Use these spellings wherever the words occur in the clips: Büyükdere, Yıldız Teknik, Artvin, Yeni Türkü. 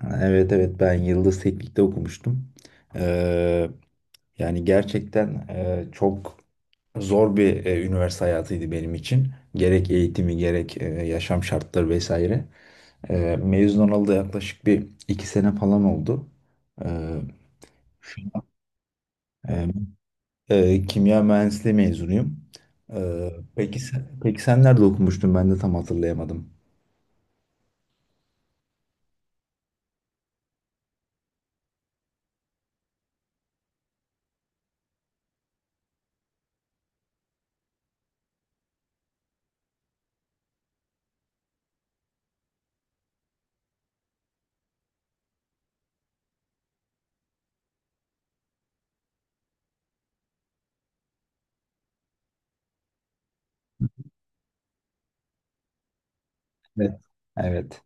Ha, evet, ben Yıldız Teknik'te okumuştum. Ee, Yani gerçekten çok zor bir üniversite hayatıydı benim için. Gerek eğitimi gerek yaşam şartları vesaire. Mezun olalı da yaklaşık bir iki sene falan oldu. Ee, şu- e, Kimya mühendisliği mezunuyum. Ee, peki sen nerede okumuştun? Ben de tam hatırlayamadım. Evet. Evet.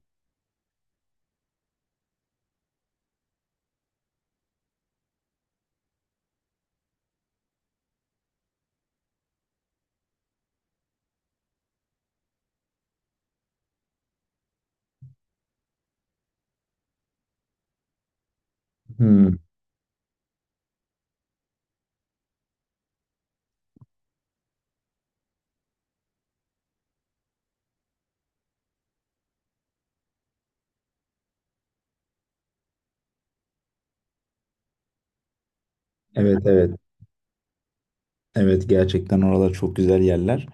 Hmm, evet, evet. Evet, gerçekten oralar çok güzel yerler.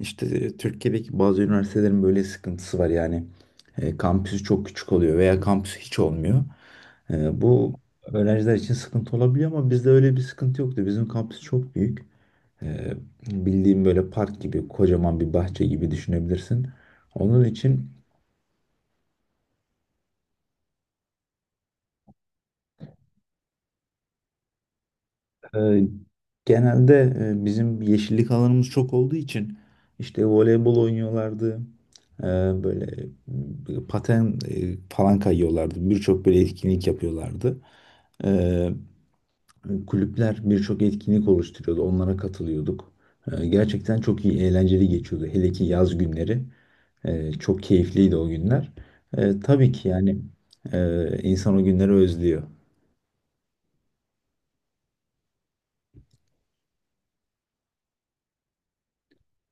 İşte Türkiye'deki bazı üniversitelerin böyle sıkıntısı var yani. Kampüsü çok küçük oluyor veya kampüsü hiç olmuyor. Bu öğrenciler için sıkıntı olabiliyor ama bizde öyle bir sıkıntı yoktu. Bizim kampüs çok büyük. E, Bildiğim böyle park gibi kocaman bir bahçe gibi düşünebilirsin. Onun için Ee, genelde bizim yeşillik alanımız çok olduğu için işte voleybol oynuyorlardı. Ee, Böyle paten falan kayıyorlardı. Birçok böyle etkinlik yapıyorlardı. Ee, Kulüpler birçok etkinlik oluşturuyordu. Onlara katılıyorduk. Gerçekten çok iyi, eğlenceli geçiyordu. Hele ki yaz günleri. Çok keyifliydi o günler. Tabii ki yani insan o günleri özlüyor.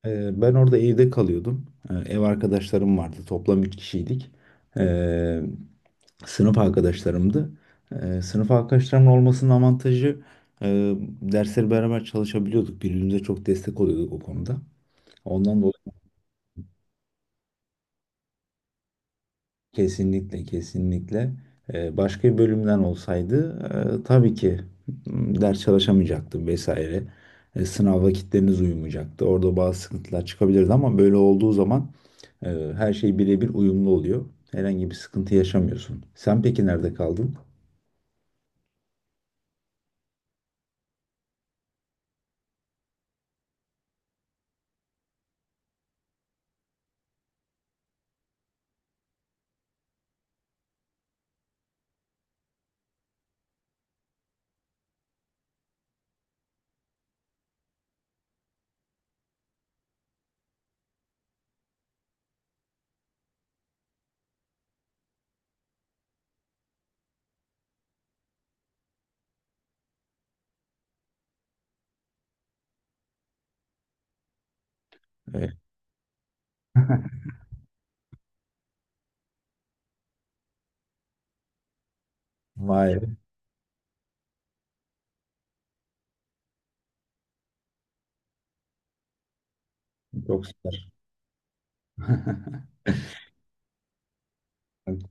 Ben orada evde kalıyordum. Ev arkadaşlarım vardı. Toplam 3 kişiydik. Ee, Sınıf arkadaşlarımdı. Sınıf arkadaşlarımın olmasının avantajı, e, dersleri beraber çalışabiliyorduk. Birbirimize çok destek oluyorduk o konuda. Ondan kesinlikle, kesinlikle. Başka bir bölümden olsaydı tabii ki ders çalışamayacaktım vesaire. Sınav vakitleriniz uyumayacaktı. Orada bazı sıkıntılar çıkabilirdi ama böyle olduğu zaman e, her şey birebir uyumlu oluyor. Herhangi bir sıkıntı yaşamıyorsun. Sen peki nerede kaldın? E, Vay, çok süper.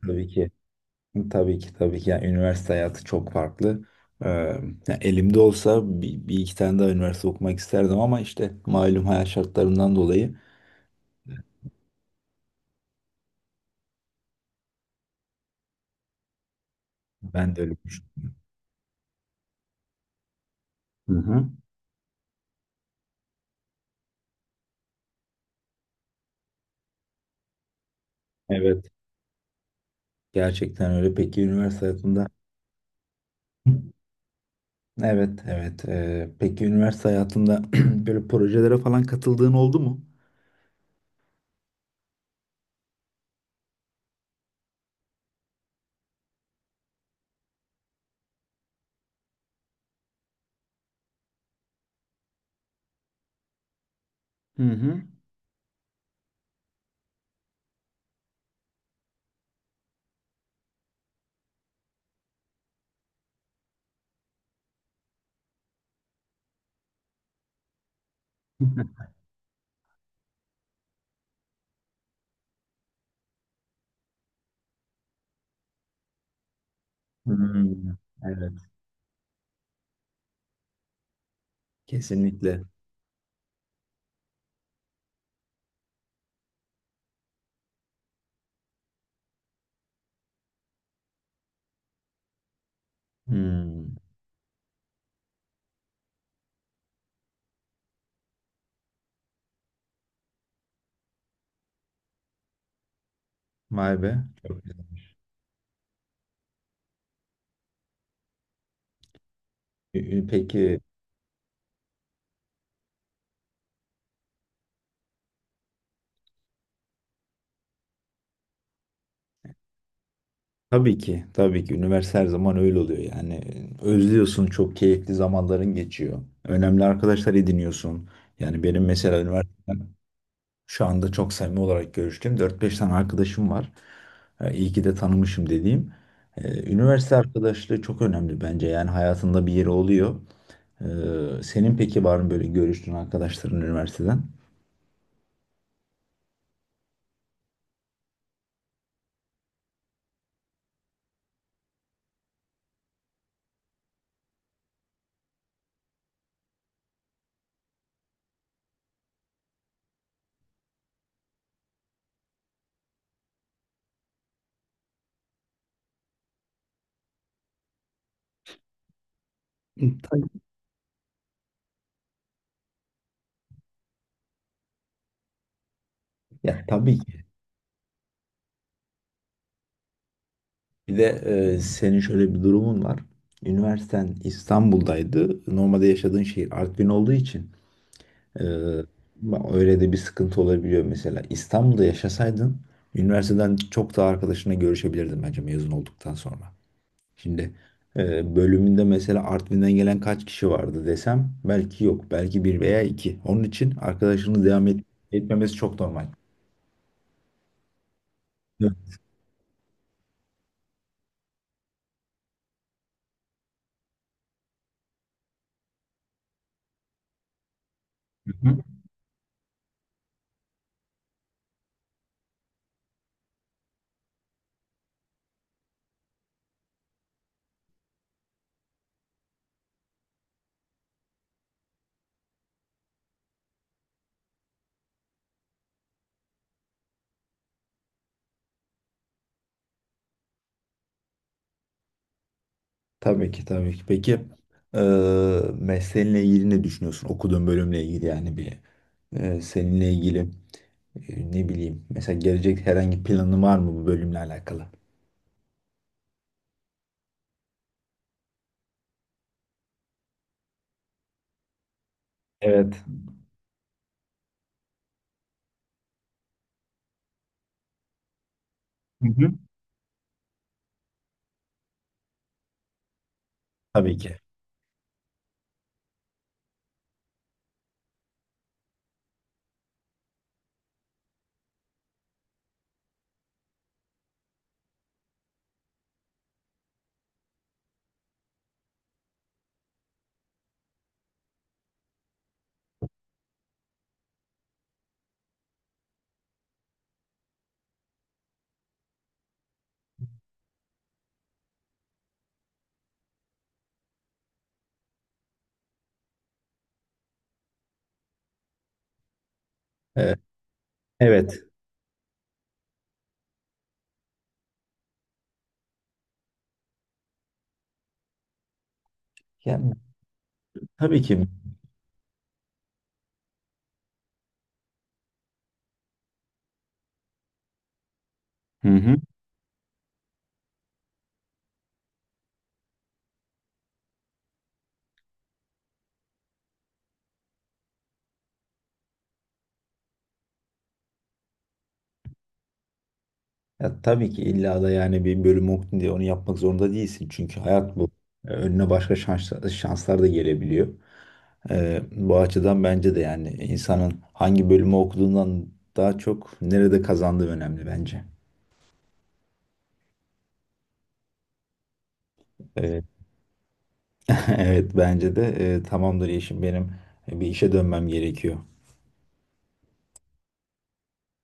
Tabii ki. Tabii ki, tabii ki. Yani üniversite hayatı çok farklı. Yani elimde olsa bir iki tane daha üniversite okumak isterdim ama işte malum hayat şartlarından dolayı ben de öyle düşünüyorum. Hı hı. Evet, gerçekten öyle. Peki üniversite hayatında, evet, evet. Peki üniversite hayatında böyle projelere falan katıldığın oldu mu? Hı hı. Hmm, evet, kesinlikle. Hmm, vay be. Çok güzel. Peki tabii ki, tabii ki. Üniversite her zaman öyle oluyor yani. Özlüyorsun, çok keyifli zamanların geçiyor. Önemli arkadaşlar ediniyorsun. Yani benim mesela üniversiteden şu anda çok samimi olarak görüştüğüm dört beş tane arkadaşım var. İyi ki de tanımışım dediğim. Üniversite arkadaşlığı çok önemli bence. Yani hayatında bir yeri oluyor. Senin peki var mı böyle görüştüğün arkadaşların üniversiteden? Tabii. Ya tabii, bir de senin şöyle bir durumun var. Üniversiten İstanbul'daydı. Normalde yaşadığın şehir Artvin olduğu için e, öyle de bir sıkıntı olabiliyor mesela. İstanbul'da yaşasaydın üniversiteden çok daha arkadaşına görüşebilirdin bence mezun olduktan sonra. Şimdi bölümünde mesela Artvin'den gelen kaç kişi vardı desem belki yok. Belki bir veya iki. Onun için arkadaşını etmemesi çok normal. Evet. Tabii ki, tabii ki. Peki mesleğinle ilgili ne düşünüyorsun? Okuduğun bölümle ilgili yani bir seninle ilgili, ne bileyim, mesela gelecek herhangi planın var mı bu bölümle alakalı? Evet. Hı hı. Tabii ki. Ee, evet. Yani tabii ki. Hı hı. Ya, tabii ki illa da yani bir bölüm okudun diye onu yapmak zorunda değilsin. Çünkü hayat bu. Önüne başka şanslar da gelebiliyor. Bu açıdan bence de yani insanın hangi bölümü okuduğundan daha çok nerede kazandığı önemli bence. Ee, evet, bence de. Tamamdır Yeşim, benim bir işe dönmem gerekiyor.